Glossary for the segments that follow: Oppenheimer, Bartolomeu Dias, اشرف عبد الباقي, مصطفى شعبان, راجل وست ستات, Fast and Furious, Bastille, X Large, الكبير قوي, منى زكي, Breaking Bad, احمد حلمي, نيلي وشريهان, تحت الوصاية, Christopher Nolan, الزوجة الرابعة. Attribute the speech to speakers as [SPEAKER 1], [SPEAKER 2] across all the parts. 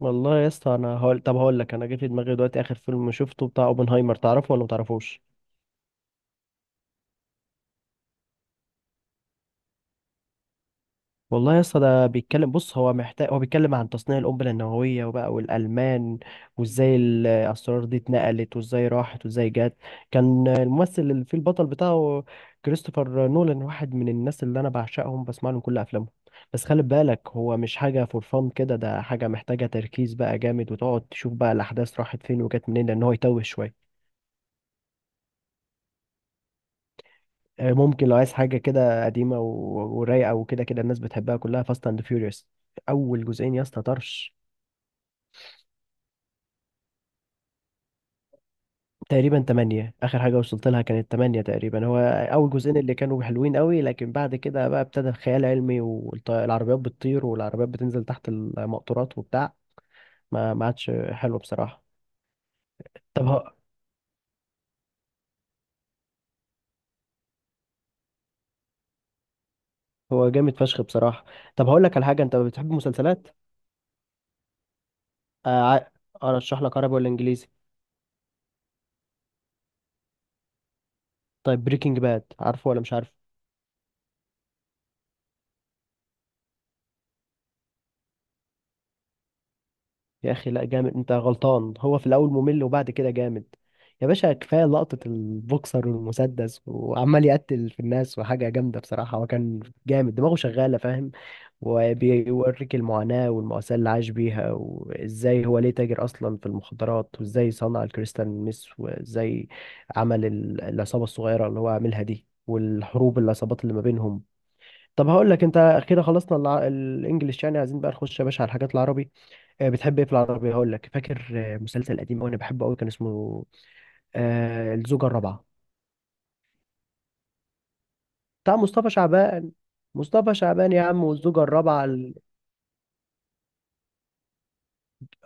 [SPEAKER 1] والله يا اسطى، انا هقول طب هقول لك، انا جه في دماغي دلوقتي اخر فيلم شفته بتاع اوبنهايمر، تعرفه ولا متعرفوش؟ والله يا اسطى، ده بيتكلم، بص، هو بيتكلم عن تصنيع القنبله النوويه وبقى والالمان، وازاي الاسرار دي اتنقلت وازاي راحت وازاي جت. كان الممثل اللي فيه البطل بتاعه كريستوفر نولان، واحد من الناس اللي انا بعشقهم، بسمع لهم كل افلامهم. بس خلي بالك، هو مش حاجه فور فان كده، ده حاجه محتاجه تركيز بقى جامد، وتقعد تشوف بقى الاحداث راحت فين وجت منين، لان هو يتوه شويه. ممكن لو عايز حاجة كده قديمة ورايقة وكده، كده الناس بتحبها كلها، فاست اند فيوريوس. أول جزئين يا اسطى طرش. تقريبا تمانية، آخر حاجة وصلت لها كانت تمانية تقريبا، هو أول جزئين اللي كانوا حلوين قوي، لكن بعد كده بقى ابتدى الخيال العلمي والعربيات بتطير والعربيات بتنزل تحت المقطورات وبتاع، ما عادش حلو بصراحة. طب هو هو جامد فشخ بصراحة. طب هقول لك على حاجة، أنت بتحب مسلسلات؟ آه، ع- أرشح لك عربي ولا إنجليزي؟ طيب، بريكنج باد، عارفه ولا مش عارفه؟ يا اخي لا، جامد، انت غلطان، هو في الاول ممل وبعد كده جامد. يا باشا، كفايه لقطه البوكسر والمسدس وعمال يقتل في الناس، وحاجه جامده بصراحه، هو كان جامد، دماغه شغاله، فاهم؟ وبيوريك المعاناه والمأساة اللي عاش بيها، وازاي هو ليه تاجر اصلا في المخدرات، وازاي صنع الكريستال ميس، وازاي عمل العصابه الصغيره اللي هو عاملها دي، والحروب العصابات اللي ما بينهم. طب هقول لك، انت اخيرا خلصنا الانجليش، يعني عايزين بقى نخش يا باشا على الحاجات العربي. بتحب ايه في العربية؟ هقول لك، فاكر مسلسل قديم قوي انا بحبه قوي، كان اسمه الزوجة الرابعة، بتاع مصطفى شعبان. مصطفى شعبان يا عم، والزوجة الرابعة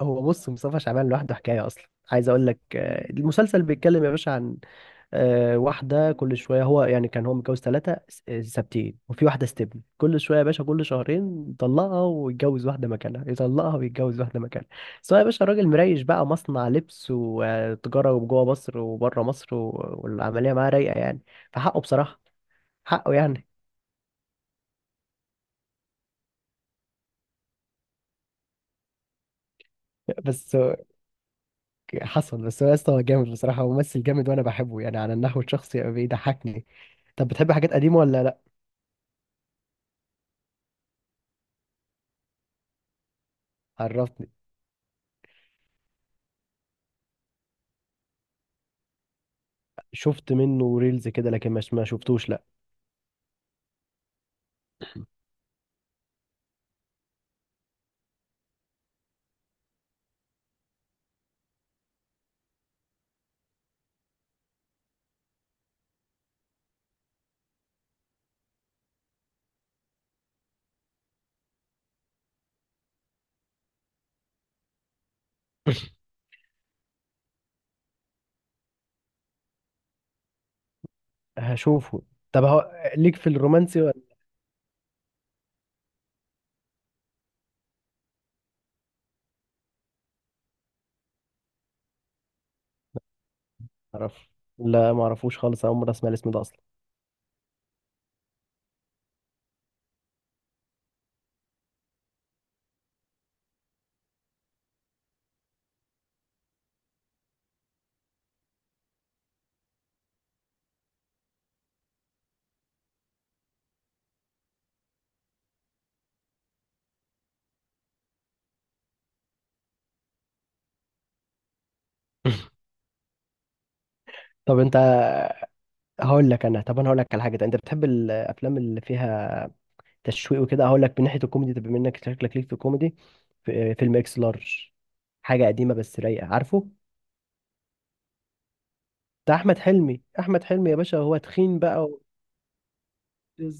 [SPEAKER 1] هو بص، مصطفى شعبان لوحده حكاية اصلا. عايز اقول لك، المسلسل بيتكلم يا باشا عن واحدة كل شوية. هو يعني كان هو متجوز ثلاثة ثابتين، وفي واحدة استبن كل شوية يا باشا، كل شهرين يطلقها ويتجوز واحدة مكانها، يطلقها ويتجوز واحدة مكانها، سواء يا باشا. راجل مريش بقى، مصنع لبس وتجارة جوه مصر وبره مصر، والعملية معاه رايقة يعني، فحقه بصراحة. حقه يعني. بس هو حصل. بس هو يا اسطى هو جامد بصراحة، هو ممثل جامد، وأنا بحبه يعني على النحو الشخصي، بيضحكني. طب بتحب حاجات قديمة ولا لأ؟ عرفني. شفت منه ريلز كده لكن مش، ما شفتوش لا. هشوفه. طب هو، ليك في الرومانسي ولا؟ تعرف، لا ما اعرفوش خالص، اول مره اسمع الاسم ده اصلا. طب انت هقول لك انا طب انا هقول لك على حاجه، انت بتحب الافلام اللي فيها تشويق وكده؟ هقول لك من ناحيه الكوميدي، طب بما انك شكلك ليك في الكوميدي، في فيلم اكس لارج. حاجه قديمه بس رايقه، عارفه؟ بتاع احمد حلمي. احمد حلمي يا باشا هو تخين بقى و...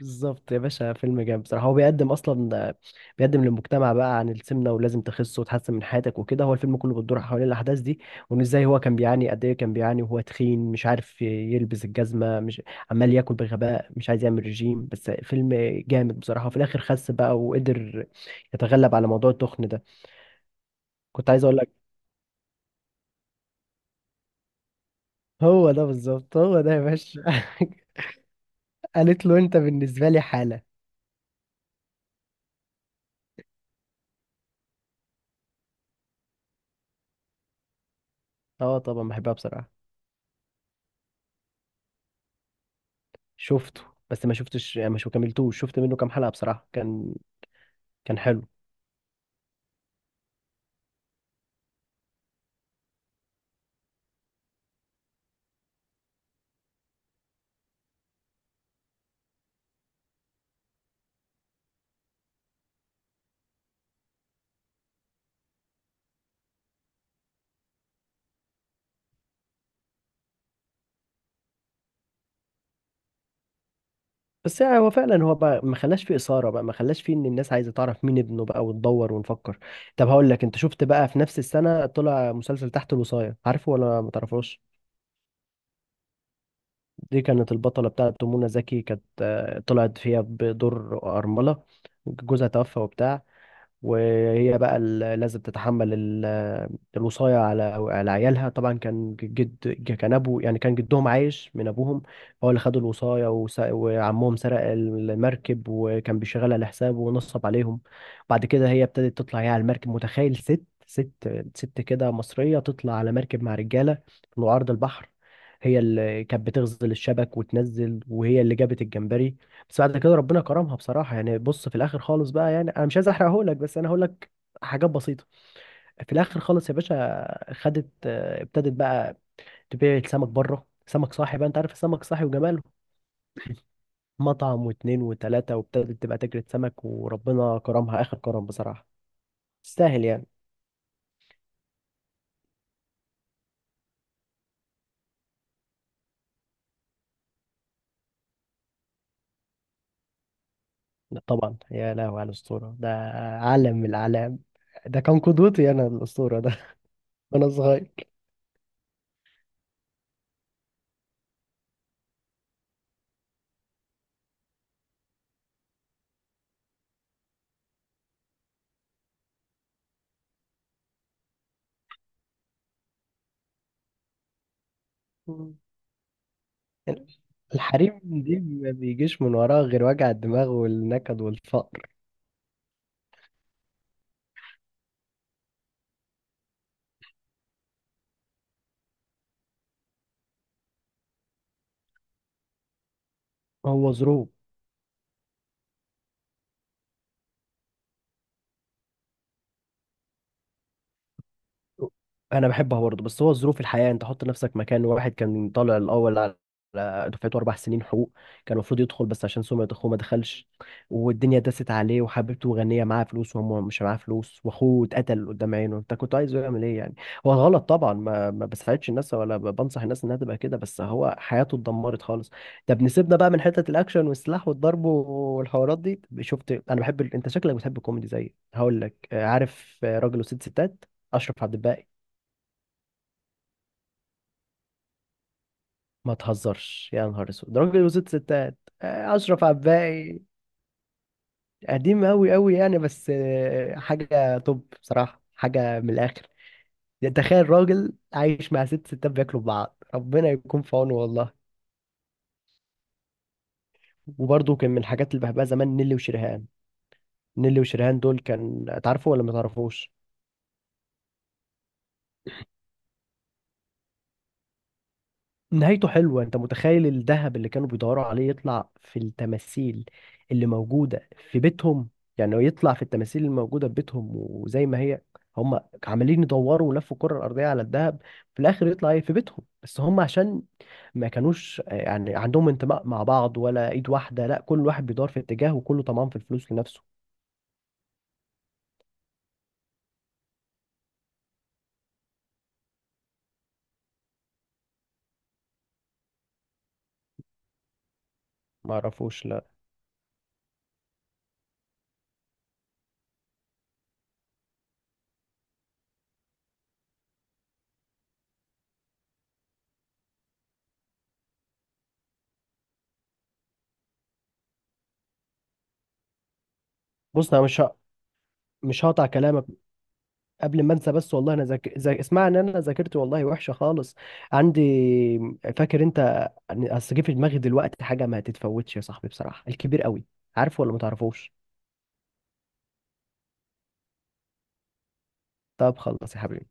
[SPEAKER 1] بالظبط يا باشا، فيلم جامد بصراحة. هو بيقدم أصلا، بيقدم للمجتمع بقى عن السمنة، ولازم تخس وتحسن من حياتك وكده. هو الفيلم كله بتدور حوالين الأحداث دي، وإن إزاي هو كان بيعاني، قد إيه كان بيعاني وهو تخين، مش عارف يلبس الجزمة، مش عمال ياكل بغباء، مش عايز يعمل رجيم. بس فيلم جامد بصراحة، وفي الآخر خس بقى وقدر يتغلب على موضوع التخن ده. كنت عايز أقول لك، هو ده بالظبط، هو ده يا باشا. قالت له أنت بالنسبة لي حالة. أه طبعا بحبها بصراحة. شفته، بس ما شفتش يعني، مش كملتوش، شفت منه كام حلقة بصراحة. كان، كان حلو، بس يعني هو فعلا هو بقى ما خلاش فيه إثارة بقى، ما خلاش فيه إن الناس عايزة تعرف مين ابنه بقى وتدور ونفكر. طب هقول لك، أنت شفت بقى في نفس السنة طلع مسلسل تحت الوصاية، عارفه ولا ما تعرفوش؟ دي كانت البطلة بتاعت منى زكي، كانت طلعت فيها بدور أرملة، جوزها توفى وبتاع، وهي بقى لازم تتحمل الوصاية على، على عيالها. طبعا كان جد، كان أبو يعني، كان جدهم عايش من أبوهم، هو اللي خد الوصاية، وعمهم سرق المركب وكان بيشغلها لحسابه ونصب عليهم. بعد كده هي ابتدت تطلع هي على المركب. متخيل ست كده مصرية تطلع على مركب مع رجالة في عرض البحر؟ هي اللي كانت بتغزل الشبك وتنزل، وهي اللي جابت الجمبري. بس بعد كده ربنا كرمها بصراحه يعني. بص في الاخر خالص بقى، يعني انا مش عايز احرقه لك بس انا هقول لك حاجات بسيطه. في الاخر خالص يا باشا، خدت ابتدت بقى تبيع السمك بره، سمك صاحي بقى، انت عارف السمك صاحي وجماله. مطعم واتنين وتلاته، وابتدت تبقى تجري سمك، وربنا كرمها اخر كرم بصراحه، تستاهل يعني. طبعا، يا لهوي على الاسطوره ده، عالم من الاعلام. ده كان قدوتي انا الاسطوره ده. وانا صغير. الحريم دي ما بيجيش من وراها غير وجع الدماغ والنكد والفقر. هو ظروف. انا بحبها برضه، بس هو ظروف الحياه. انت حط نفسك مكان واحد كان طالع الاول على، على دفعته، 4 سنين حقوق، كان المفروض يدخل بس عشان سمعه اخوه ما دخلش، والدنيا دست عليه، وحبيبته غنيه معاها فلوس وهو مش معاه فلوس، واخوه اتقتل قدام عينه. انت كنت عايزه يعمل ايه يعني؟ هو غلط طبعا، ما بساعدش الناس ولا بنصح الناس انها تبقى كده، بس هو حياته اتدمرت خالص. طب نسيبنا بقى من حته الاكشن والسلاح والضرب والحوارات دي. شفت انا بحب انت شكلك بتحب الكوميدي زيي. هقول لك عارف راجل وست ستات، اشرف عبد الباقي. ما تهزرش يا نهار اسود، ده راجل وست ستات، اشرف عبد الباقي. قديم قوي قوي يعني، بس حاجه توب بصراحه، حاجه من الاخر. يعني تخيل راجل عايش مع ست ستات بياكلوا ببعض، ربنا يكون في عونه والله. وبرضه كان من الحاجات اللي بحبها زمان نيلي وشريهان. نيلي وشريهان دول كان، تعرفوا ولا ما تعرفوش؟ نهايته حلوة. انت متخيل الذهب اللي كانوا بيدوروا عليه يطلع في التماثيل اللي موجودة في بيتهم؟ يعني هو يطلع في التماثيل الموجودة في بيتهم وزي ما هي. هم عمالين يدوروا ولفوا الكرة الأرضية على الذهب، في الآخر يطلع ايه في بيتهم. بس هم عشان ما كانوش يعني عندهم انتماء مع بعض ولا إيد واحدة، لا كل واحد بيدور في اتجاه وكله طمعان في الفلوس لنفسه. ما عرفوش لا. بص أنا مش هقطع كلامك. قبل ما انسى، بس والله انا اسمع، ان انا ذاكرت والله وحشه خالص عندي. فاكر انت، اصل جه في دماغي دلوقتي حاجه ما تتفوتش يا صاحبي بصراحه، الكبير قوي، عارفه ولا ما تعرفوش؟ طب خلص يا حبيبي.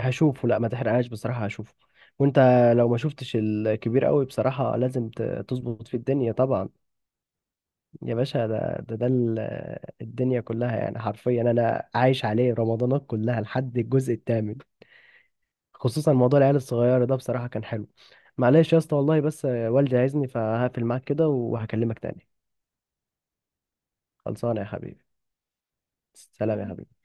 [SPEAKER 1] هشوفه، لا ما تحرقهاش بصراحه، هشوفه. وانت لو ما شفتش الكبير قوي بصراحه لازم تظبط في الدنيا طبعا. يا باشا الدنيا كلها يعني، حرفيا انا عايش عليه رمضانات كلها لحد الجزء الثامن. خصوصا موضوع العيال الصغيرة ده بصراحة كان حلو. معلش يا اسطى، والله بس والدي عايزني، فهقفل معاك كده وهكلمك تاني. خلصانة يا حبيبي. سلام يا حبيبي.